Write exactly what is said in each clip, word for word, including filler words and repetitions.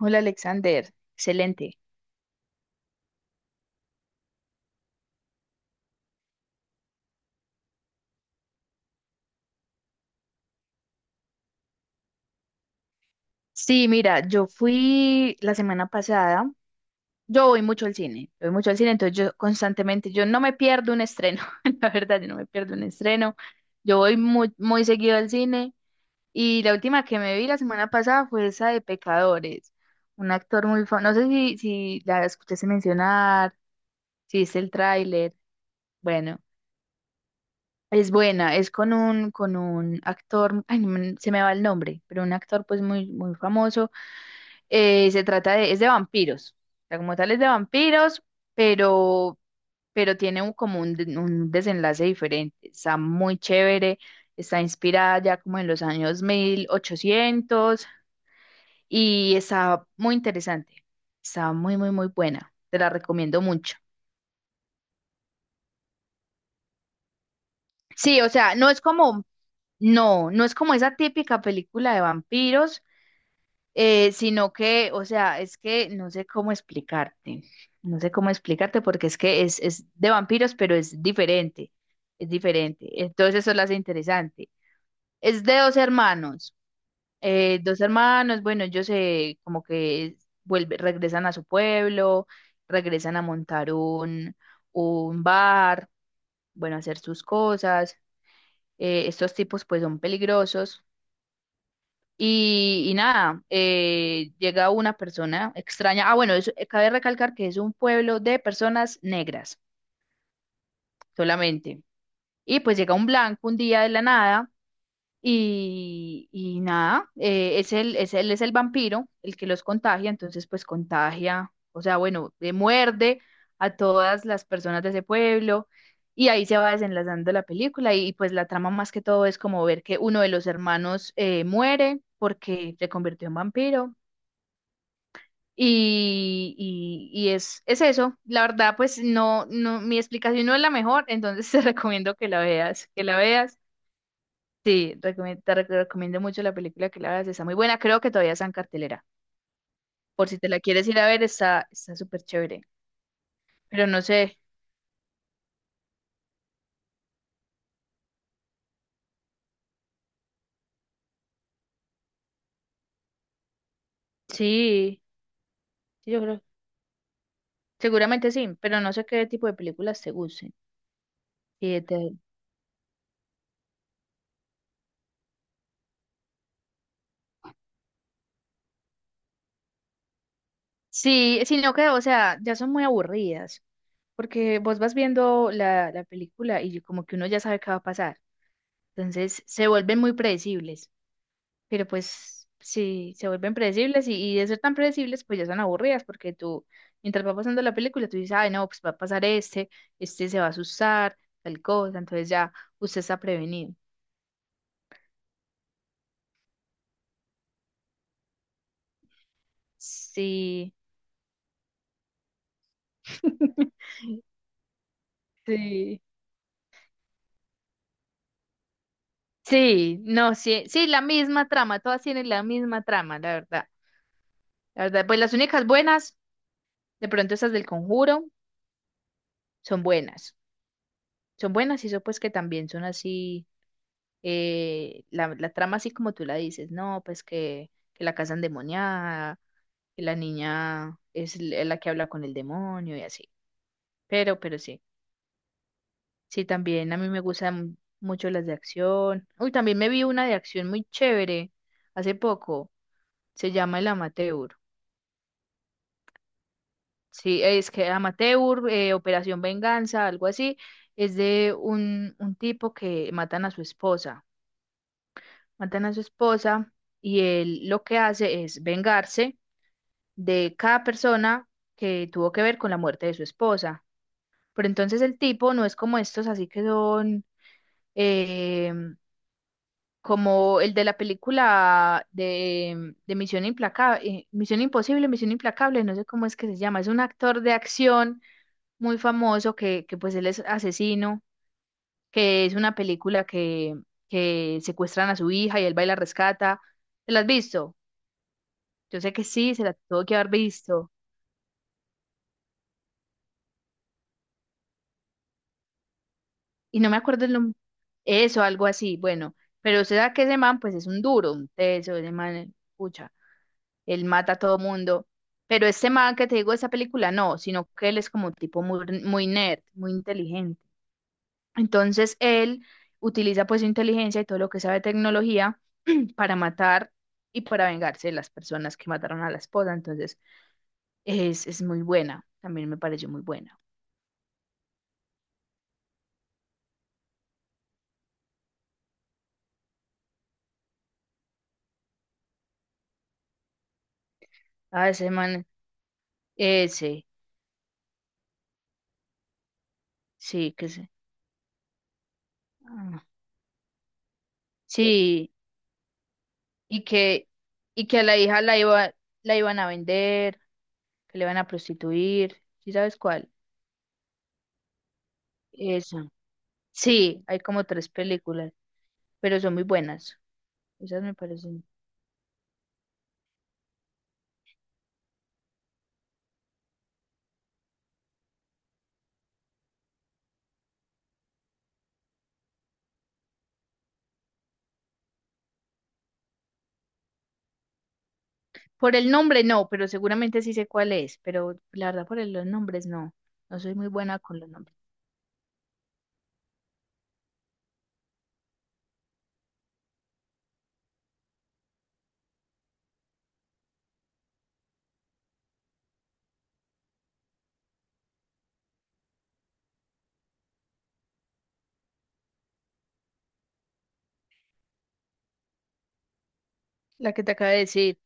Hola Alexander, excelente. Sí, mira, yo fui la semana pasada, yo voy mucho al cine, voy mucho al cine, entonces yo constantemente, yo no me pierdo un estreno, la verdad, yo no me pierdo un estreno, yo voy muy, muy seguido al cine y la última que me vi la semana pasada fue esa de Pecadores, un actor muy famoso, no sé si, si la escuchaste mencionar, si viste el tráiler, bueno, es buena, es con un, con un actor, ay, no me- se me va el nombre, pero un actor pues muy, muy famoso. Eh, se trata de, es de vampiros. O sea, como tal es de vampiros, pero, pero tiene un, como un, de- un desenlace diferente. Está muy chévere, está inspirada ya como en los años mil ochocientos y está muy interesante. Está muy, muy, muy buena. Te la recomiendo mucho. Sí, o sea, no es como, no, no es como esa típica película de vampiros. Eh, sino que, o sea, es que no sé cómo explicarte, no sé cómo explicarte porque es que es, es de vampiros, pero es diferente, es diferente. Entonces eso lo hace interesante. Es de dos hermanos, eh, dos hermanos, bueno, ellos se como que vuelve, regresan a su pueblo, regresan a montar un, un bar, bueno, a hacer sus cosas. Eh, estos tipos pues son peligrosos. Y, y nada, eh, llega una persona extraña. Ah, bueno, eso, eh, cabe recalcar que es un pueblo de personas negras solamente. Y pues llega un blanco un día de la nada y, y nada, eh, es el, es el, es el vampiro el que los contagia, entonces pues contagia, o sea, bueno, eh, muerde a todas las personas de ese pueblo y ahí se va desenlazando la película y, pues la trama más que todo es como ver que uno de los hermanos eh, muere porque se convirtió en vampiro. Y, y, y es, es eso. La verdad, pues no, no, mi explicación no es la mejor, entonces te recomiendo que la veas, que la veas. Sí, recomie- te rec- recomiendo mucho la película que la veas, está muy buena, creo que todavía está en cartelera. Por si te la quieres ir a ver, está, está súper chévere. Pero no sé, sí, sí, yo creo, seguramente sí, pero no sé qué tipo de películas te gusten. Sí, te- sí, sino que, o sea, ya son muy aburridas, porque vos vas viendo la, la película y como que uno ya sabe qué va a pasar. Entonces se vuelven muy predecibles, pero pues sí, se vuelven predecibles y, y de ser tan predecibles, pues ya son aburridas porque tú, mientras va pasando la película, tú dices, ay, no, pues va a pasar este, este se va a asustar, tal cosa, entonces ya usted está prevenido. Sí, sí, sí, no, sí, sí, la misma trama, todas tienen la misma trama, la verdad. La verdad, pues las únicas buenas, de pronto esas del Conjuro, son buenas. Son buenas y eso pues que también son así. Eh, la, la trama así como tú la dices, no, pues que, que la casa endemoniada, que la niña es l- la que habla con el demonio y así. Pero, pero sí, sí, también a mí me gustan mucho las de acción. Uy, también me vi una de acción muy chévere hace poco, se llama El Amateur. Sí, es que Amateur, eh, Operación Venganza, algo así, es de un, un tipo que matan a su esposa. Matan a su esposa y él lo que hace es vengarse de cada persona que tuvo que ver con la muerte de su esposa. Pero entonces el tipo no es como estos, así que son eh, como el de la película de, de Misión Implacable, Misión Imposible, Misión Implacable, no sé cómo es que se llama. Es un actor de acción muy famoso que, que pues él es asesino, que es una película que, que secuestran a su hija y él va y la rescata. ¿Te la has visto? Yo sé que sí, se la tuvo que haber visto. Y no me acuerdo el nombre, eso, algo así, bueno, pero usted sabe que ese man, pues es un duro, un teso, ese man, pucha, él mata a todo mundo, pero este man que te digo de esa película, no, sino que él es como un tipo muy, muy nerd, muy inteligente, entonces él utiliza pues su inteligencia y todo lo que sabe de tecnología para matar y para vengarse de las personas que mataron a la esposa, entonces es, es muy buena, también me pareció muy buena, ah, ese man, ese, sí, que se... ah, sí, y que, y que a la hija la iba, la iban a vender, que le iban a prostituir, ¿sí sabes cuál? Esa. Sí, hay como tres películas, pero son muy buenas. Esas me parecen. Por el nombre no, pero seguramente sí sé cuál es, pero la verdad por el- los nombres no. No soy muy buena con los nombres. La que te acabo de decir,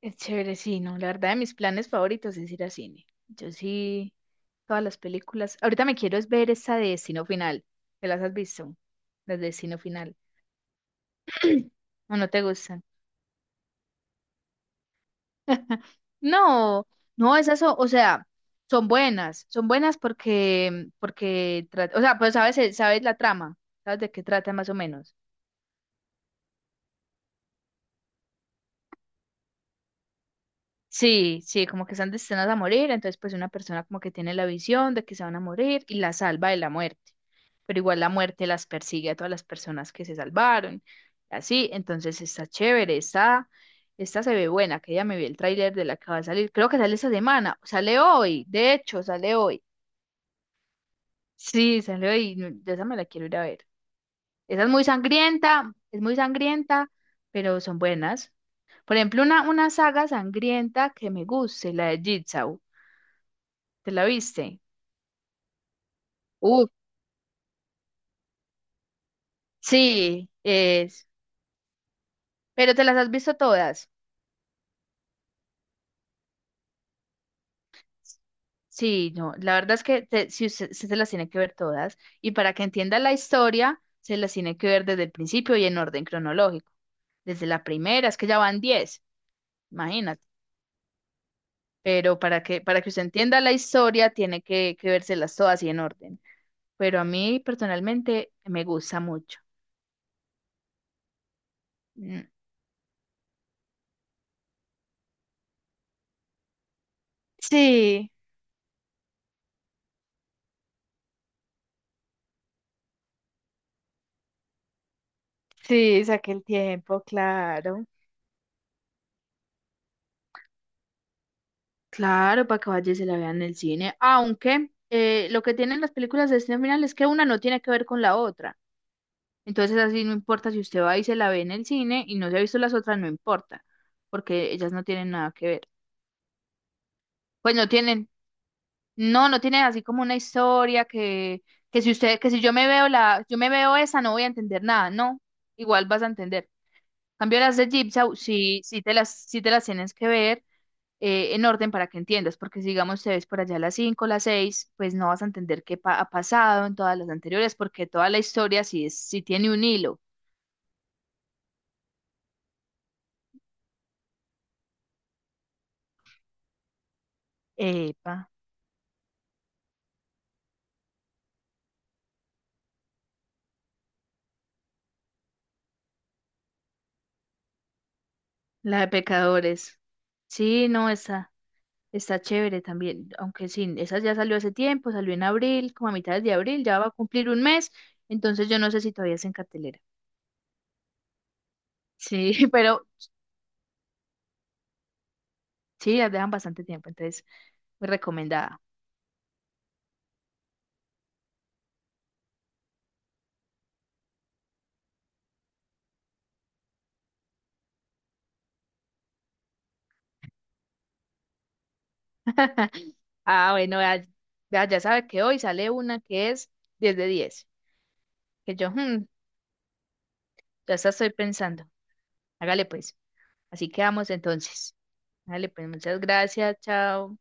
es chévere, sí, no. La verdad de mis planes favoritos es ir a cine. Yo sí, todas las películas. Ahorita me quiero es ver esa de Destino Final. ¿Te las has visto? Las de Destino Final. ¿O no te gustan? No, no, esas son, o sea, son buenas, son buenas porque, porque, tra- o sea, pues sabes, el- sabes la trama, sabes de qué trata más o menos. Sí, sí, como que están destinadas a morir, entonces pues una persona como que tiene la visión de que se van a morir y la salva de la muerte, pero igual la muerte las persigue a todas las personas que se salvaron, así, entonces está chévere, está, esta se ve buena, que ya me vi el tráiler de la que va a salir, creo que sale esta semana, sale hoy, de hecho, sale hoy. Sí, salió y no- de esa me la quiero ir a ver. Esa es muy sangrienta, es muy sangrienta, pero son buenas. Por ejemplo, una, una saga sangrienta que me guste, la de Jigsaw. ¿Te la viste? Uh, sí, es. Pero te las has visto todas. Sí, no, la verdad es que te- si usted, usted se las tiene que ver todas y para que entienda la historia, se las tiene que ver desde el principio y en orden cronológico. Desde la primera, es que ya van diez, imagínate. Pero para que, para que usted entienda la historia, tiene que, que vérselas todas y en orden. Pero a mí personalmente me gusta mucho. Mm, sí, sí, saqué el tiempo, claro. Claro, para que vaya y se la vean en el cine. Aunque eh, lo que tienen las películas de destino final es que una no tiene que ver con la otra. Entonces así no importa si usted va y se la ve en el cine y no se ha visto las otras, no importa, porque ellas no tienen nada que ver. Pues no tienen, no, no tiene así como una historia que, que si usted, que si yo me veo la, yo me veo esa, no voy a entender nada, no, igual vas a entender. En cambio las de Jigsaw, sí, sí te las, sí te las tienes que ver eh, en orden para que entiendas, porque si digamos te ves por allá las cinco las seis pues no vas a entender qué pa- ha pasado en todas las anteriores, porque toda la historia sí es, sí tiene un hilo. Epa, la de pecadores. Sí, no, esa. Está chévere también, aunque sí, esa ya salió hace tiempo, salió en abril, como a mitad de abril, ya va a cumplir un mes, entonces yo no sé si todavía es en cartelera. Sí, pero sí, las dejan bastante tiempo, entonces muy recomendada. Ah, bueno, ya, ya, ya sabe que hoy sale una que es diez de diez que yo hmm, ya hasta estoy pensando. Hágale pues, así quedamos entonces. Hágale pues, muchas gracias, chao.